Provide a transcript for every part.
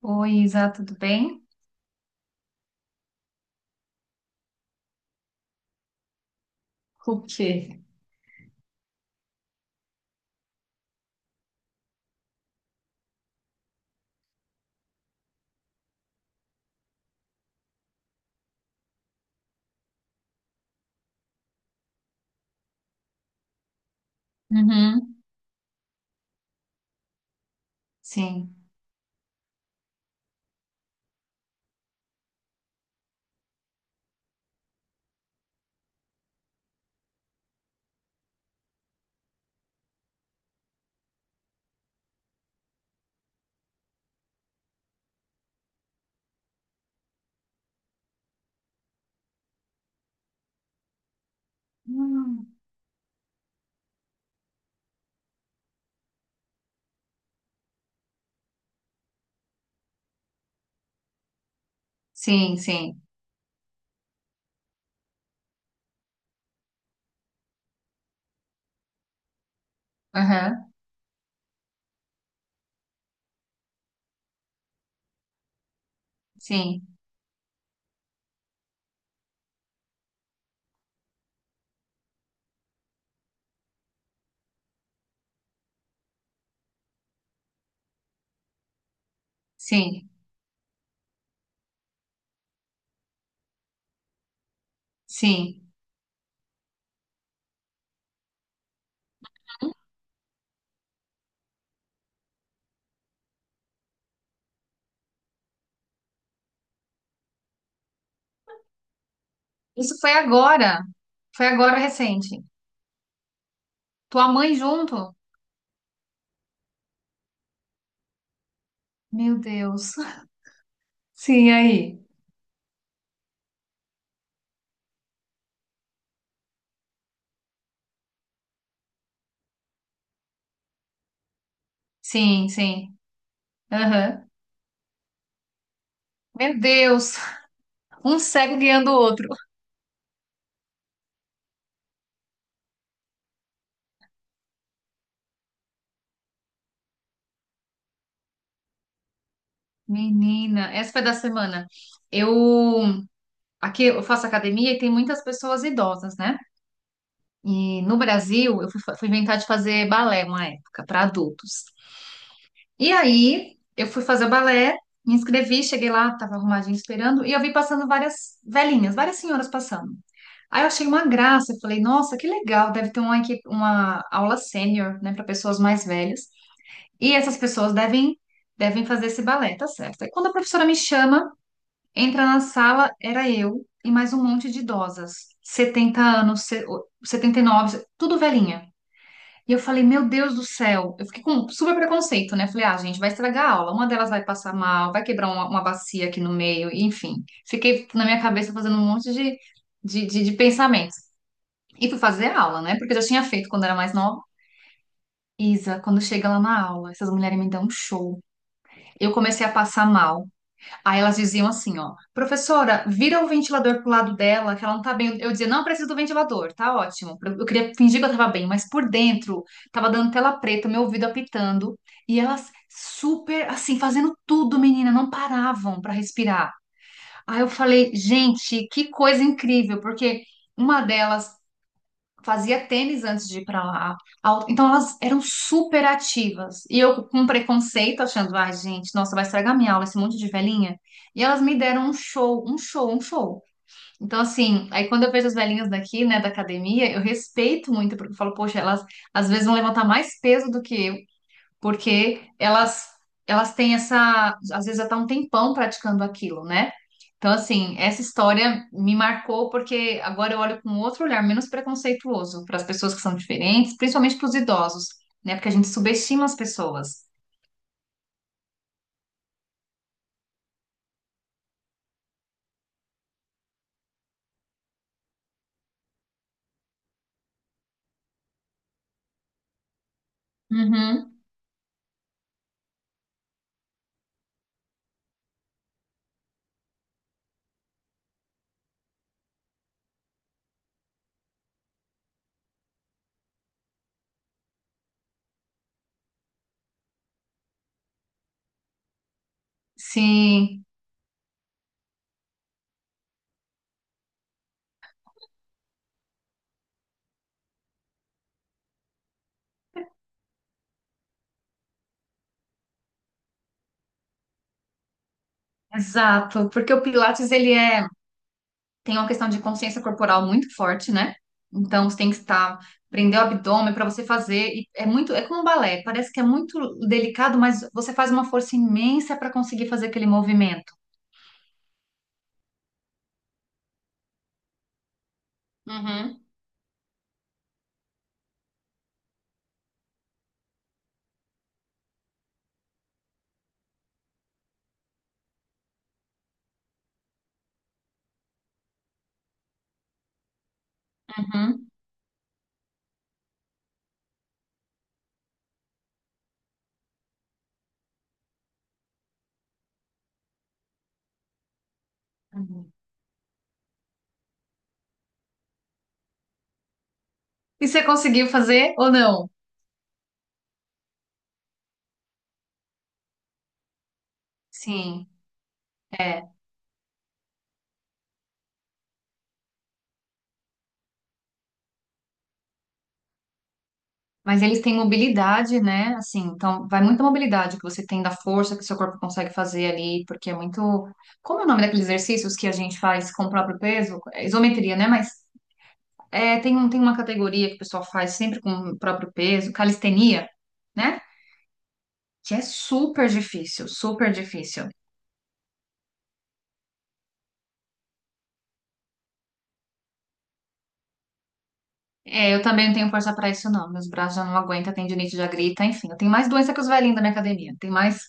Oi, Isa, tudo bem? O quê? Uhum. Sim. Hum. Sim, sim. Aham. Sim, sim, sim. Isso foi agora. Foi agora recente. Tua mãe junto? Meu Deus. Sim, aí. Sim, sim. Aham. Meu Deus, um cego guiando o outro. Menina, essa foi da semana. Eu aqui eu faço academia e tem muitas pessoas idosas, né? E no Brasil eu fui, fui inventar de fazer balé uma época para adultos. E aí eu fui fazer o balé, me inscrevi, cheguei lá, tava arrumadinho esperando e eu vi passando várias velhinhas, várias senhoras passando. Aí eu achei uma graça, eu falei, nossa, que legal, deve ter uma, uma aula sênior, né, para pessoas mais velhas. E essas pessoas devem fazer esse balé, tá certo. Aí quando a professora me chama, entra na sala, era eu e mais um monte de idosas, 70 anos, 79, tudo velhinha. E eu falei, meu Deus do céu, eu fiquei com super preconceito, né? Falei, ah, gente, vai estragar a aula, uma delas vai passar mal, vai quebrar uma bacia aqui no meio, enfim. Fiquei na minha cabeça fazendo um monte de, de pensamentos. E fui fazer a aula, né? Porque eu já tinha feito quando era mais nova. Isa, quando chega lá na aula, essas mulheres me dão um show. Eu comecei a passar mal. Aí elas diziam assim, ó, professora, vira o ventilador pro lado dela, que ela não tá bem. Eu dizia, não preciso do ventilador, tá ótimo. Eu queria fingir que eu tava bem, mas por dentro tava dando tela preta, meu ouvido apitando, e elas super assim, fazendo tudo, menina, não paravam para respirar. Aí eu falei, gente, que coisa incrível, porque uma delas fazia tênis antes de ir para lá. Então elas eram super ativas. E eu com preconceito, achando, ai, gente, nossa, vai estragar minha aula, esse monte de velhinha. E elas me deram um show, um show, um show. Então, assim, aí quando eu vejo as velhinhas daqui, né, da academia, eu respeito muito, porque eu falo, poxa, elas às vezes vão levantar mais peso do que eu porque elas têm essa, às vezes até um tempão praticando aquilo, né? Então, assim, essa história me marcou porque agora eu olho com outro olhar menos preconceituoso para as pessoas que são diferentes, principalmente para os idosos, né? Porque a gente subestima as pessoas. Uhum. Sim, exato. Porque o Pilates, ele tem uma questão de consciência corporal muito forte, né? Então você tem que estar, prender o abdômen para você fazer. E é muito, é como um balé, parece que é muito delicado, mas você faz uma força imensa para conseguir fazer aquele movimento. Uhum, uhum, uhum. E você conseguiu fazer ou não? Sim, é. Mas eles têm mobilidade, né? Assim, então vai muita mobilidade que você tem da força que seu corpo consegue fazer ali, porque é muito. Como é o nome daqueles exercícios que a gente faz com o próprio peso? É isometria, né? Mas é, tem, um, tem uma categoria que o pessoal faz sempre com o próprio peso, calistenia, né? Que é super difícil, super difícil. É, eu também não tenho força pra isso, não. Meus braços já não aguentam, tendinite já grita, enfim. Eu tenho mais doença que os velhinhos da minha academia. Tenho mais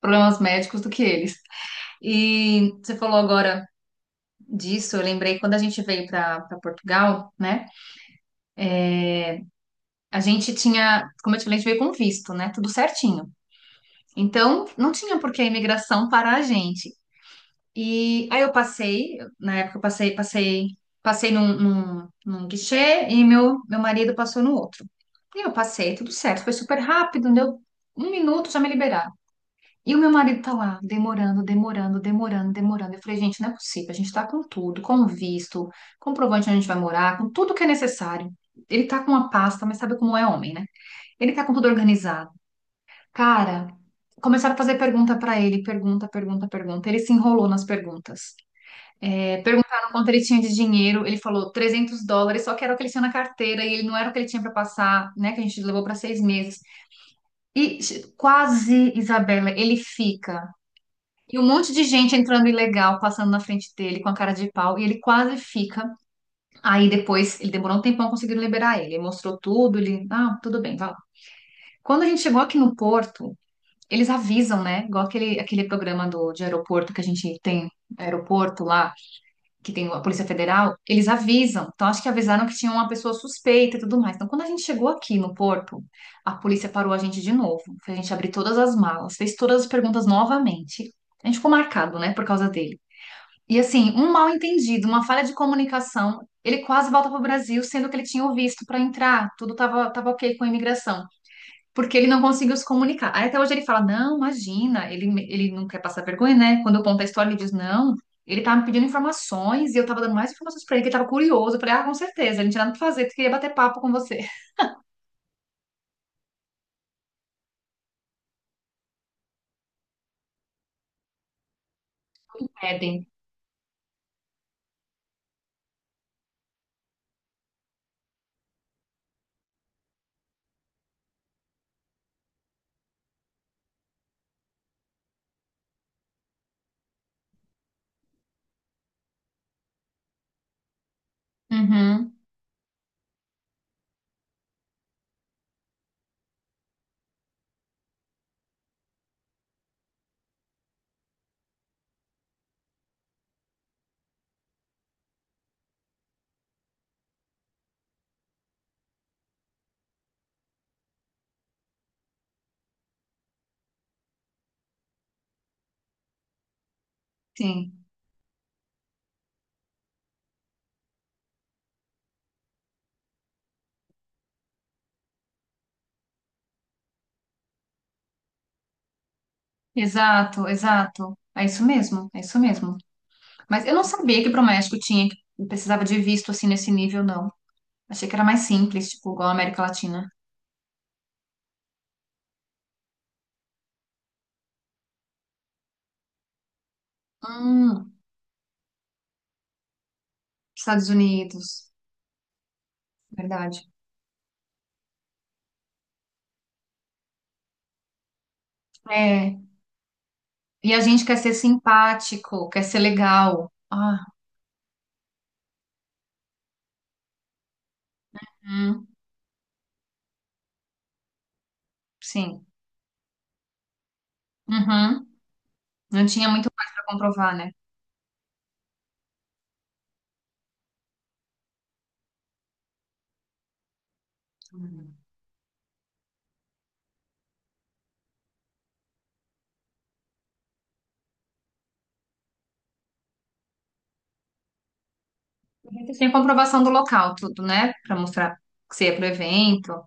problemas médicos do que eles. E você falou agora disso, eu lembrei quando a gente veio pra Portugal, né? A gente tinha, como eu te falei, a gente veio com visto, né? Tudo certinho. Então, não tinha por que a imigração parar a gente. E aí eu passei, na época eu passei num guichê e meu marido passou no outro. E eu passei, tudo certo, foi super rápido, deu 1 minuto, já me liberaram. E o meu marido tá lá, demorando. Eu falei, gente, não é possível, a gente tá com tudo, com o visto, comprovante onde a gente vai morar, com tudo que é necessário. Ele tá com uma pasta, mas sabe como é homem, né? Ele tá com tudo organizado. Cara, começaram a fazer pergunta pra ele, pergunta. Ele se enrolou nas perguntas. É, perguntaram quanto ele tinha de dinheiro, ele falou US$ 300, só que era o que ele tinha na carteira e ele não era o que ele tinha para passar, né? Que a gente levou para 6 meses. E quase, Isabela, ele fica. E um monte de gente entrando ilegal, passando na frente dele com a cara de pau, e ele quase fica. Aí depois, ele demorou um tempão conseguindo liberar ele. Ele mostrou tudo, ele, ah, tudo bem, vai lá. Quando a gente chegou aqui no Porto, eles avisam, né? Igual aquele, aquele programa do, de aeroporto que a gente tem, aeroporto lá que tem a Polícia Federal, eles avisam. Então, acho que avisaram que tinha uma pessoa suspeita e tudo mais. Então, quando a gente chegou aqui no porto, a polícia parou a gente de novo. Fez a gente abrir todas as malas, fez todas as perguntas novamente. A gente ficou marcado, né, por causa dele. E assim, um mal entendido, uma falha de comunicação, ele quase volta para o Brasil, sendo que ele tinha o visto para entrar, tudo estava tava ok com a imigração porque ele não conseguiu se comunicar. Aí até hoje ele fala, não, imagina, ele não quer passar vergonha, né? Quando eu conto a história, ele diz, não, ele tava me pedindo informações e eu tava dando mais informações pra ele, que ele tava curioso. Eu falei, ah, com certeza, ele não tinha nada pra fazer, tu queria bater papo com você. Pedem. Uhum, sim. Exato, exato. É isso mesmo, é isso mesmo. Mas eu não sabia que pro México tinha, que precisava de visto assim nesse nível, não. Achei que era mais simples, tipo, igual a América Latina. Hum, Estados Unidos, verdade. É, e a gente quer ser simpático, quer ser legal. Ah, hum, sim. Uhum. Não tinha muito mais para comprovar, né? Uhum. Você tem comprovação do local, tudo, né? Para mostrar que você ia pro evento.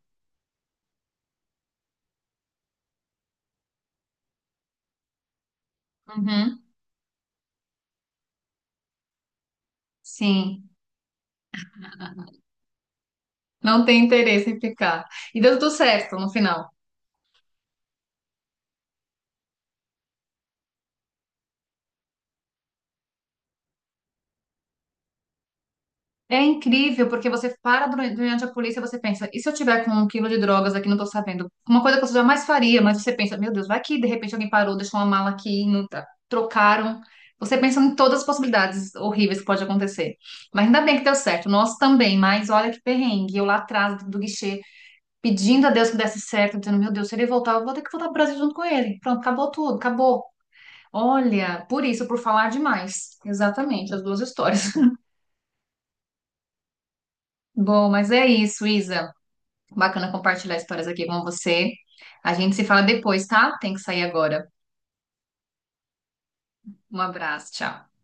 Uhum. Sim. Não tem interesse em ficar. E deu tudo certo no final. É incrível, porque você para durante a polícia, e você pensa, e se eu tiver com um quilo de drogas aqui, não tô sabendo? Uma coisa que você jamais faria, mas você pensa, meu Deus, vai que de repente alguém parou, deixou uma mala aqui, não tá- trocaram. Você pensa em todas as possibilidades horríveis que pode acontecer. Mas ainda bem que deu certo, nós também, mas olha que perrengue, eu lá atrás do, do guichê, pedindo a Deus que desse certo, dizendo, meu Deus, se ele voltar, eu vou ter que voltar pro Brasil junto com ele. Pronto, acabou tudo, acabou. Olha, por isso, por falar demais. Exatamente, as duas histórias. Bom, mas é isso, Isa. Bacana compartilhar histórias aqui com você. A gente se fala depois, tá? Tem que sair agora. Um abraço, tchau.